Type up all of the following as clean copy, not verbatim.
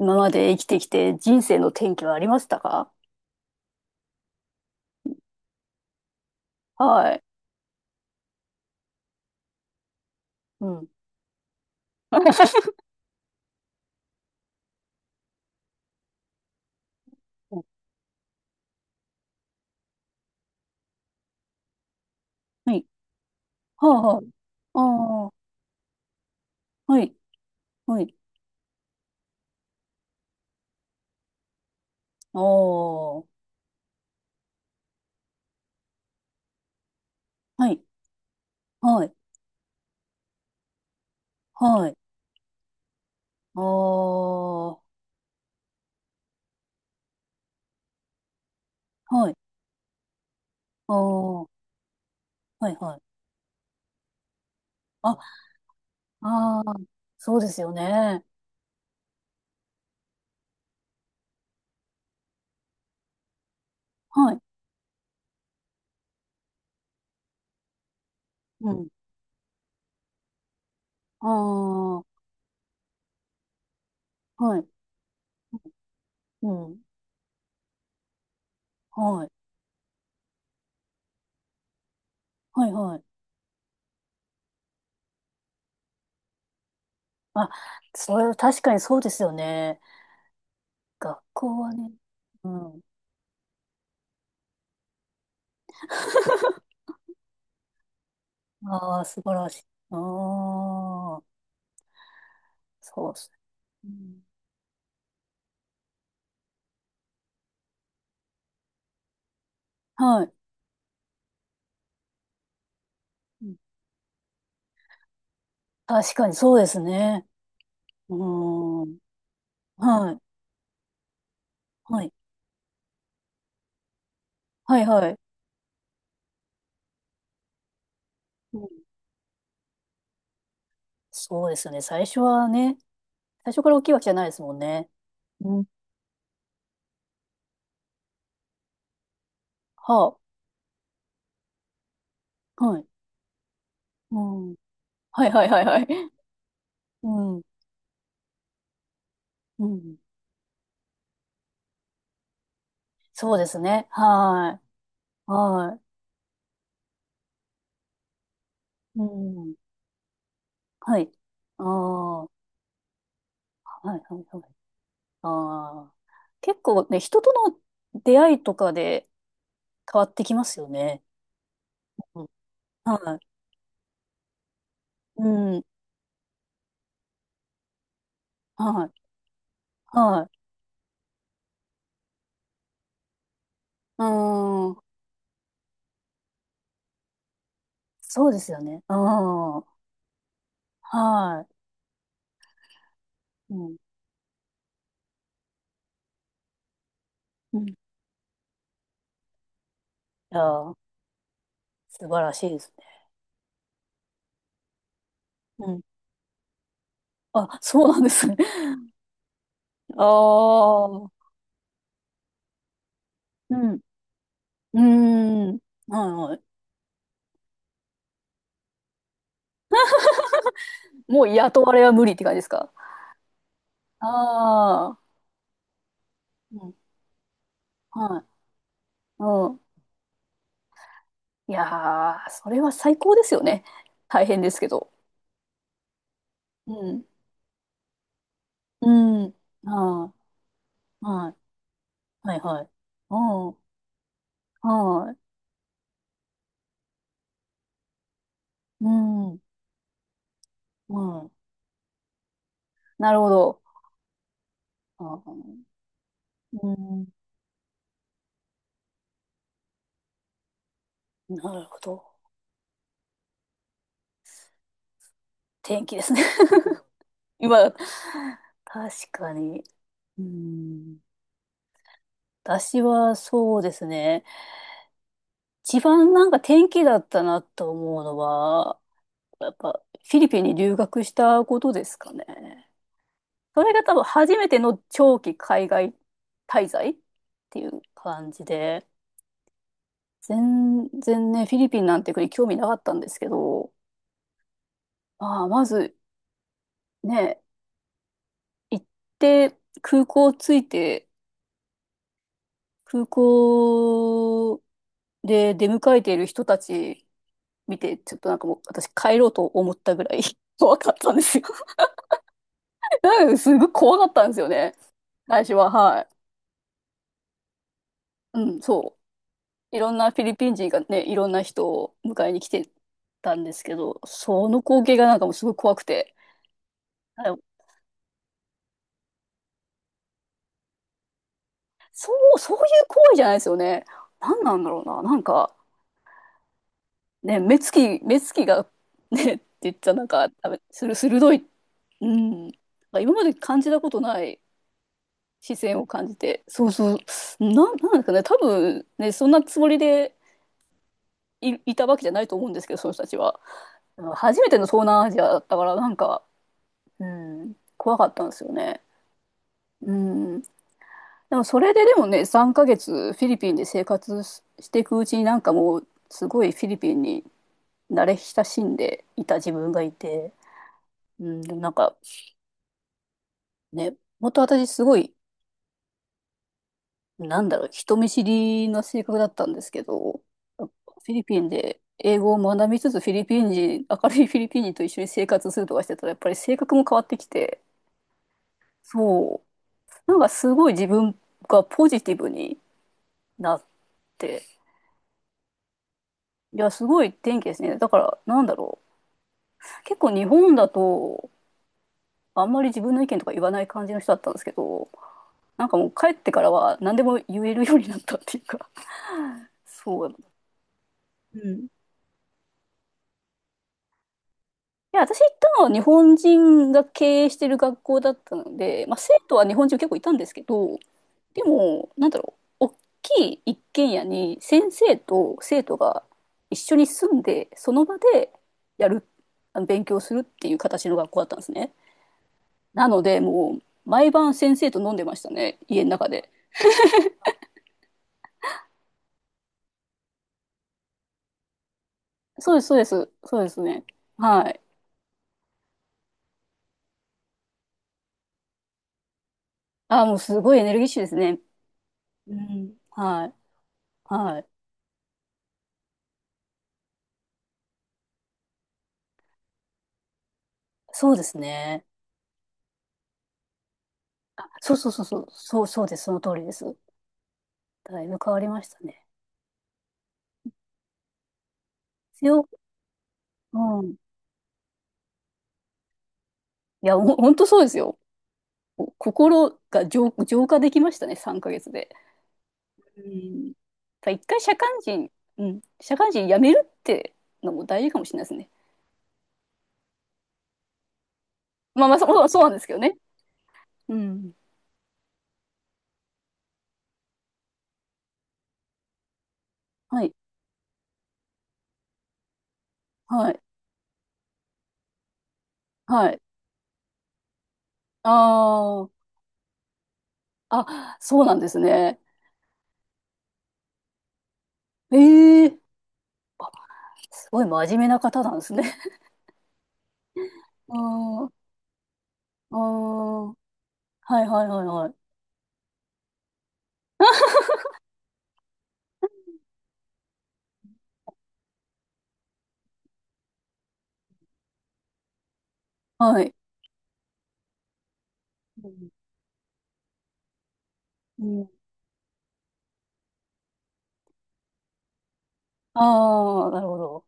今まで生きてきて人生の転機はありましたか？はい。うん。はい。はあ、はあ。ああ、はい。はい。ああ、はい。はい。はい。ああ、はい。ああ、はい。はい。あ、ああ、そうですよね。はい。うん。ああ、はい。うん。はい。はい。はい。あ、それは確かにそうですよね。学校はね。うん。ああ、素晴らしい。ああ、そうですね。うん、ね。はい。うん。確かにそうですね。うーん。はい。はい。はい、はい。うん。そうですね。最初はね、最初から大きいわけじゃないですもんね。うん。はあ。はい。うん。はい、はい、はい、はい。うん。うん。そうですね。はい。はい。うん。はい。ああ。はい、はい、はい。ああ。結構ね、人との出会いとかで、変わってきますよね。うん、はい。うん。はい。はい。うん。そうですよね。うん。はい。うん。うん。いやー、素晴らしいですね。うん。あ、そうなんですね。ああ。うん。うん。はいはい。もう雇われは無理って感じですか？ああ。うん。はい。うん。いやー、それは最高ですよね。大変ですけど。うん。うん。はい。はい。はいはい。うん。はい。うん。うん。なるほど。あー、うん。なるほど。天気ですね。今、確かに。うん。私はそうですね。一番なんか天気だったなと思うのは、やっぱフィリピンに留学したことですかね。それが多分初めての長期海外滞在っていう感じで、全然ね、フィリピンなんて国興味なかったんですけど、まあ、まずね、行って、空港着いて、空港で出迎えている人たち見て、ちょっとなんかもう私帰ろうと思ったぐらい 怖かったんですよ。なんかすごい怖かったんですよね。最初は、はい。うん、そう。いろんなフィリピン人がね、いろんな人を迎えに来てたんですけど、その光景がなんかもうすごい怖くて。あの、そう、そういう行為じゃないですよね。何なんだろうな。なんか、ね、目つきが、ね、って言ったらなんか、あする、鋭い、うん。今まで感じたことない視線を感じて、そうそう、なんですかね、多分ね、そんなつもりでいたわけじゃないと思うんですけど、その人たちは。初めての東南アジアだったから、なんか、うん、怖かったんですよね。うん。でもそれででもね、3ヶ月フィリピンで生活していくうちになんかもう、すごいフィリピンに慣れ親しんでいた自分がいて、うん、でもなんか、ね、もっと私すごい、なんだろう、人見知りな性格だったんですけど、フィリピンで英語を学びつつ、フィリピン人、明るいフィリピン人と一緒に生活するとかしてたら、やっぱり性格も変わってきて、そう、なんかすごい自分がポジティブになって、いや、すごい天気ですね。だから、なんだろう、結構日本だと、あんまり自分の意見とか言わない感じの人だったんですけど、なんかもう帰ってからは何でも言えるようになったっていうか、そう。いうん。や、私行ったのは日本人が経営してる学校だったので、まあ、生徒は日本人結構いたんですけど、でも、なんだろう、大きい一軒家に先生と生徒が一緒に住んで、その場でやる、あの勉強するっていう形の学校だったんですね。なので、もう、毎晩先生と飲んでましたね、家の中で。そうです、そうです、そうですね。はい。ああ、もうすごいエネルギッシュですね。うん。はい。はい。そうですね。そうそうそうそう。そうそうです。その通りです。だいぶ変わりましたね。強、うん。いや、ほんとそうですよ。心が浄化できましたね。3ヶ月で。うん。やっぱ一回社会人、うん。社会人辞めるってのも大事かもしれないですね。まあまあ、そう、そうなんですけどね。うん。はい。はい。はい。あー、あ、そうなんですね。ええ、すごい真面目な方なんですね。うん。ああ、はいはいはいはい。はい。うん。うん、ああ、なるほど。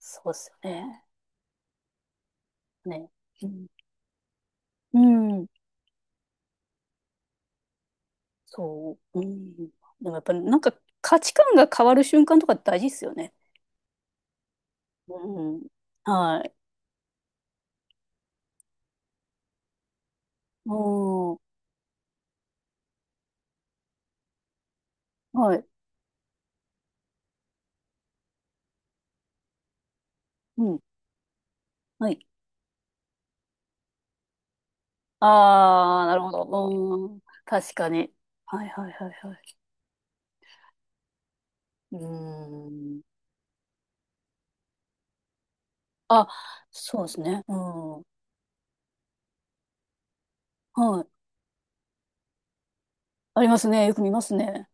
そうですよね。ね。うん。うん、そう。うん。でもやっぱりなんか価値観が変わる瞬間とか大事ですよね。うん。はい。うん。はい。うん。はい。ああ、なるほど。うん。確かに。はいはいはいはい。うん。あ、そうですね。うん。はい。ありますね。よく見ますね。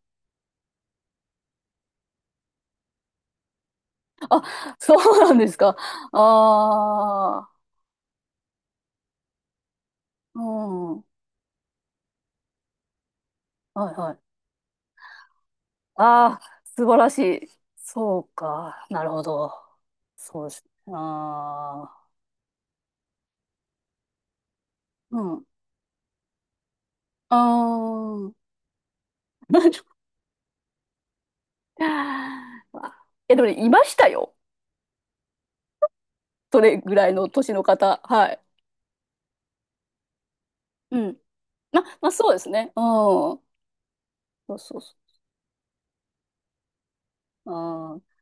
そうなんですか。ああ、うん。はいはい。ああ、素晴らしい。そうか。なるほど。そうです。ああ、うん。ああ。え、でもね、いましたよ。それぐらいの年の方。はい。うん。ま、まあ、そうですね。うん。そうそうそう。ああ、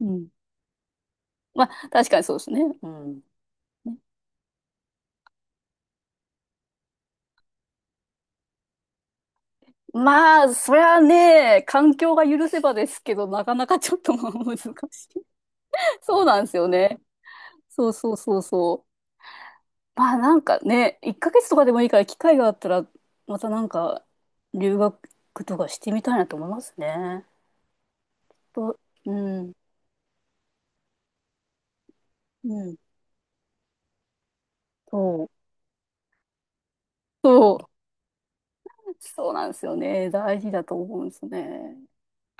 うん。まあ、確かにそうですね。うん。ね。まあ、そりゃね、環境が許せばですけど、なかなかちょっとまあ難しい。そうなんですよね。そうそうそうそう。まあなんかね、1ヶ月とかでもいいから機会があったら、またなんか留学とかしてみたいなと思いますね。と、うん、うん、そう、そう、そうなんですよね。大事だと思うんですね。